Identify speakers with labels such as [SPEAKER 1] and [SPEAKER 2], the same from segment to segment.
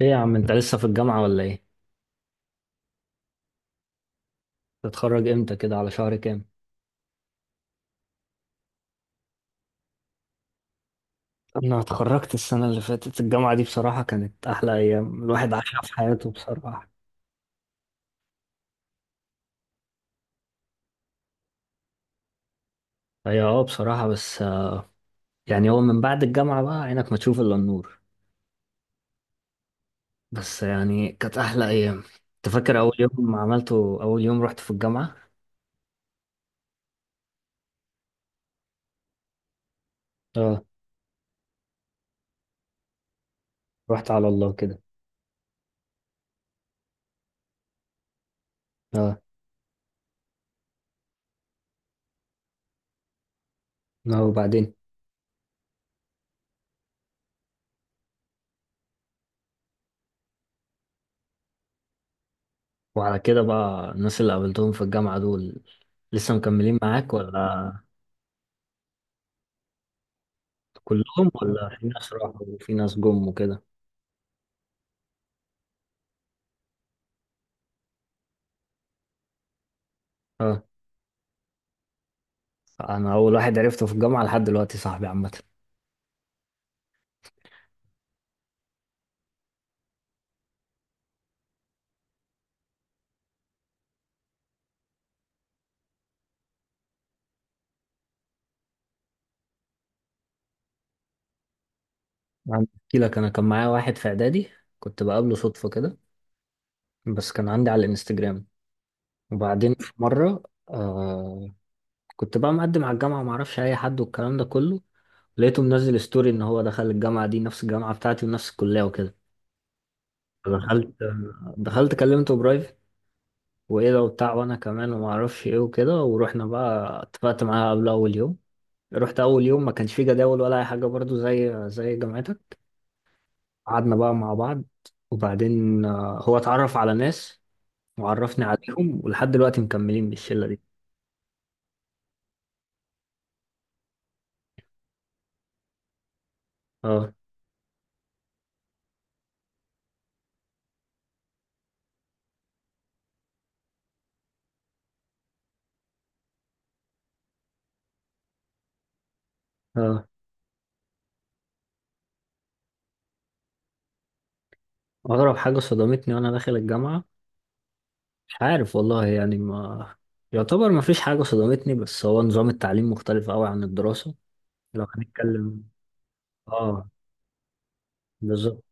[SPEAKER 1] ايه يا عم انت لسه في الجامعة ولا ايه؟ تتخرج امتى كده على شهر كام؟ انا اتخرجت السنة اللي فاتت الجامعة دي، بصراحة كانت احلى ايام الواحد عاشها في حياته بصراحة. هي اه، بصراحة، بس يعني هو من بعد الجامعة بقى عينك ما تشوف الا النور. بس يعني كانت احلى ايام. انت فاكر اول يوم عملته، اول يوم رحت في الجامعة؟ اه. رحت على الله كده. اه. اه، وبعدين؟ وعلى كده بقى، الناس اللي قابلتهم في الجامعة دول لسه مكملين معاك ولا؟ كلهم، ولا في ناس راحوا وفي ناس جم وكده؟ اه. انا اول واحد عرفته في الجامعه لحد دلوقتي صاحبي، عامه. احكي لك، انا كان معايا واحد في اعدادي، كنت بقابله صدفه كده، بس كان عندي على الانستجرام. وبعدين في مره، آه، كنت بقى مقدم على الجامعه، ما اعرفش اي حد والكلام ده كله، لقيته منزل ستوري ان هو دخل الجامعه دي، نفس الجامعه بتاعتي ونفس الكليه وكده. دخلت دخلت كلمته برايفت، وايه لو بتاع وانا كمان وما اعرفش ايه وكده، ورحنا بقى اتفقت معاه قبل اول يوم. رحت اول يوم، ما كانش فيه جداول ولا اي حاجه، برضو زي جامعتك. قعدنا بقى مع بعض، وبعدين هو اتعرف على ناس وعرفني عليهم، ولحد دلوقتي مكملين بالشلة دي. اه. اه. أغرب حاجة صدمتني وأنا داخل الجامعة، مش عارف والله، يعني ما يعتبر ما فيش حاجة صدمتني، بس هو نظام التعليم مختلف أوي عن الدراسة. لو هنتكلم، اه، بالظبط.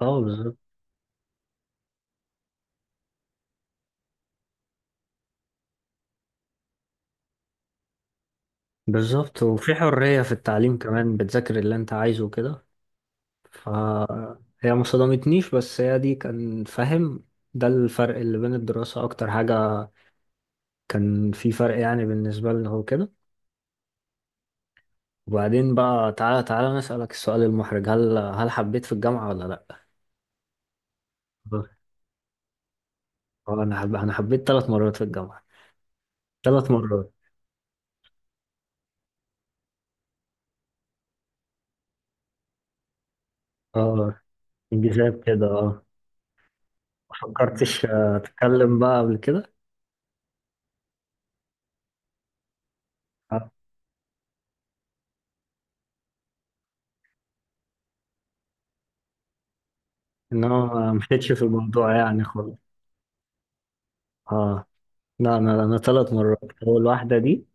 [SPEAKER 1] اه بالظبط. بالظبط، وفي حرية في التعليم كمان، بتذاكر اللي أنت عايزه وكده. فهي ما صدمتنيش، بس هي دي، كان فاهم. ده الفرق اللي بين الدراسة أكتر حاجة، كان في فرق يعني بالنسبة لي، هو كده. وبعدين بقى، تعالى تعالى نسألك السؤال المحرج، هل حبيت في الجامعة ولا لأ؟ اه. أنا حبيت 3 مرات في الجامعة. 3 مرات. اه، انجذاب كده، اه. ما فكرتش أتكلم بقى قبل كده. آه. إنما ما مشيتش في الموضوع يعني خالص. اه. لا، أنا 3 مرات. أول واحدة دي،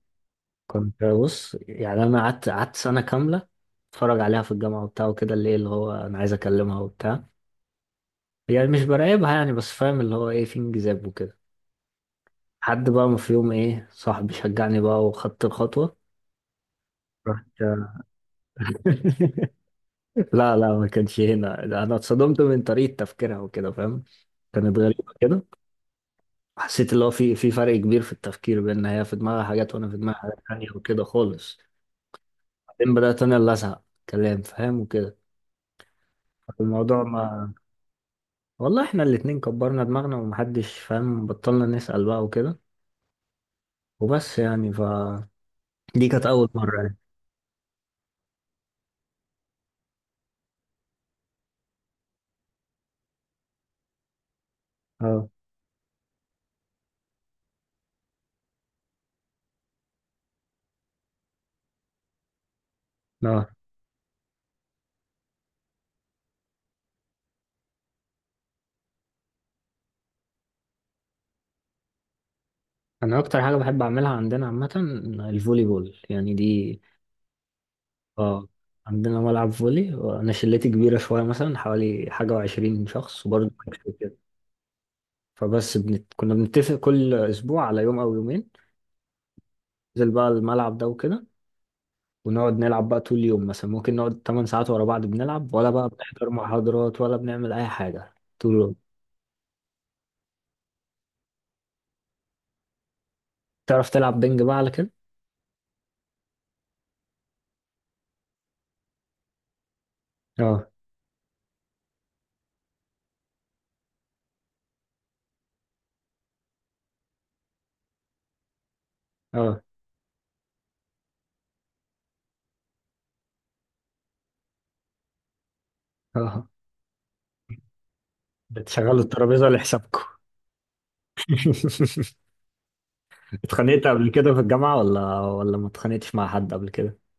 [SPEAKER 1] كنت بص يعني، أنا قعدت سنة كاملة اتفرج عليها في الجامعة وبتاع وكده، اللي إيه، اللي هو أنا عايز أكلمها وبتاع. يعني مش براقبها يعني، بس فاهم اللي هو ايه، في انجذاب وكده. حد بقى، ما في يوم ايه، صاحبي شجعني بقى وخدت الخطوة. رحت لا لا، ما كانش هنا، انا اتصدمت من طريقة تفكيرها وكده فاهم. كانت غريبة كده. حسيت اللي هو في فرق كبير في التفكير، بان هي في دماغها حاجات وانا في دماغي حاجات تانية وكده خالص. بعدين بدأت انا اللي ازهق كلام، فاهم، وكده. الموضوع ما، والله احنا الاتنين كبرنا دماغنا ومحدش فاهم، بطلنا نسأل بقى وكده. وبس يعني دي كانت اول مرة يعني. اه. اه. انا اكتر حاجه بحب اعملها عندنا عامه، الفولي بول يعني دي. اه، عندنا ملعب فولي، وانا شلتي كبيره شويه، مثلا حوالي حاجه وعشرين شخص، وبرضه بنكسب كده. كنا بنتفق كل اسبوع على يوم او يومين ننزل بقى الملعب ده وكده، ونقعد نلعب بقى طول اليوم. مثلا ممكن نقعد 8 ساعات ورا بعض، بنلعب، ولا بقى بنحضر محاضرات، ولا بنعمل اي حاجه. طول اليوم. تعرف تلعب بنج بقى، على كده؟ اه. اه. اه. بتشغلوا الترابيزه لحسابكم. اتخانقت قبل كده في الجامعة، ولا ما اتخانقتش مع حد قبل كده؟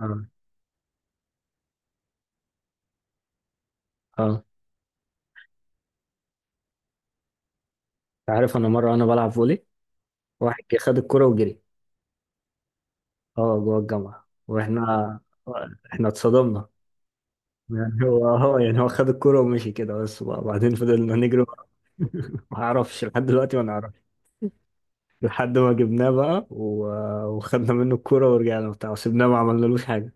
[SPEAKER 1] اه. اه. انت عارف، انا مرة وانا بلعب فولي، واحد جه خد الكرة وجري. اه جوه الجامعة، واحنا، احنا اتصدمنا. يعني هو خد الكرة ومشي كده بس، وبعدين فضلنا نجري وراه. ما اعرفش لحد دلوقتي، ما نعرفش. لحد ما جبناه بقى، وخدنا منه الكرة ورجعنا بتاع، وسيبناه، ما عملنالوش حاجة.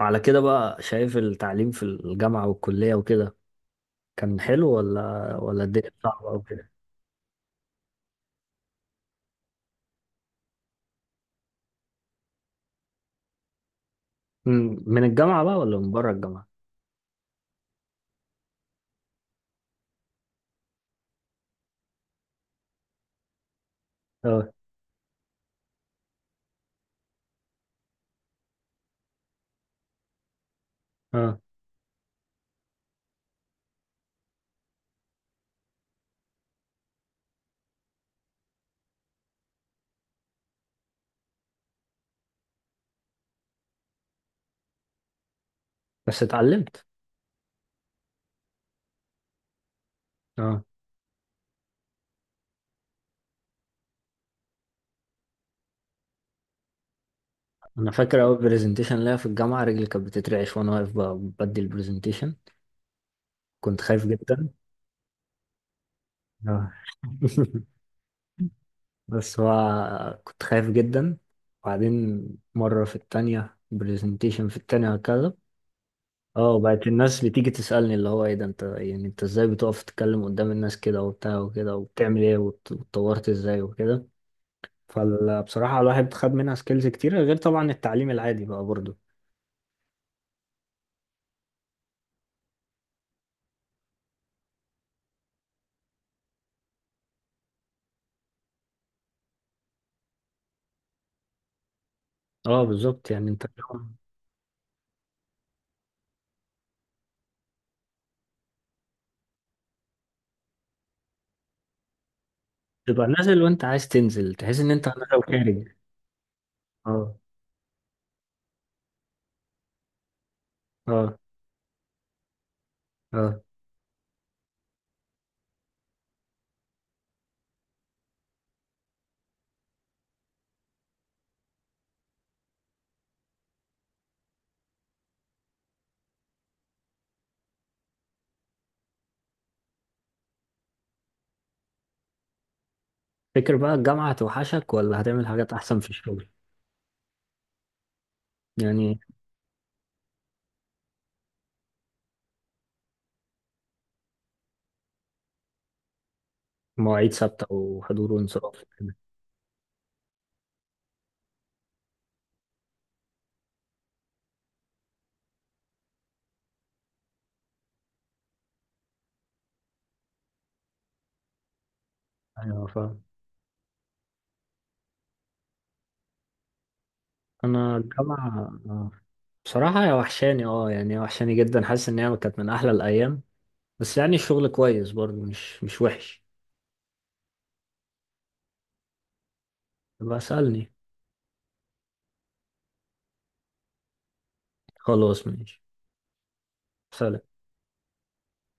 [SPEAKER 1] على كده بقى، شايف التعليم في الجامعة والكلية وكده، كان حلو ولا الدنيا صعبة أو كده؟ مم. من الجامعة بقى ولا من بره الجامعة؟ اه. اه. بس اتعلمت. اه. انا فاكر اول برزنتيشن ليا في الجامعة، رجلي كانت بتترعش وانا واقف بدي البرزنتيشن. كنت خايف جدا. اه. بس هو كنت خايف جدا. وبعدين مرة في التانية، برزنتيشن في التانية هكذا. اه، بقت الناس بتيجي تسألني اللي هو، ايه ده، انت يعني انت ازاي بتقف تتكلم قدام الناس كده وبتاع وكده، وبتعمل ايه، واتطورت ازاي وكده. فبصراحة الواحد خد منها سكيلز كتيرة، غير طبعا التعليم العادي بقى برضه. اه بالظبط، يعني انت تبقى نازل وانت عايز تنزل، تحس ان انت نازل خارج. اه. اه. اه. فكر بقى، الجامعة هتوحشك ولا هتعمل حاجات احسن في الشغل؟ يعني مواعيد ثابتة وحضور وانصراف كده. ايوه فاهم. انا الجامعة، آه. بصراحة هي وحشاني، اه يعني هي وحشاني جدا، حاسس ان هي كانت من احلى الايام. بس يعني الشغل كويس برضه، مش وحش. بسألني. خلاص ماشي. سلام.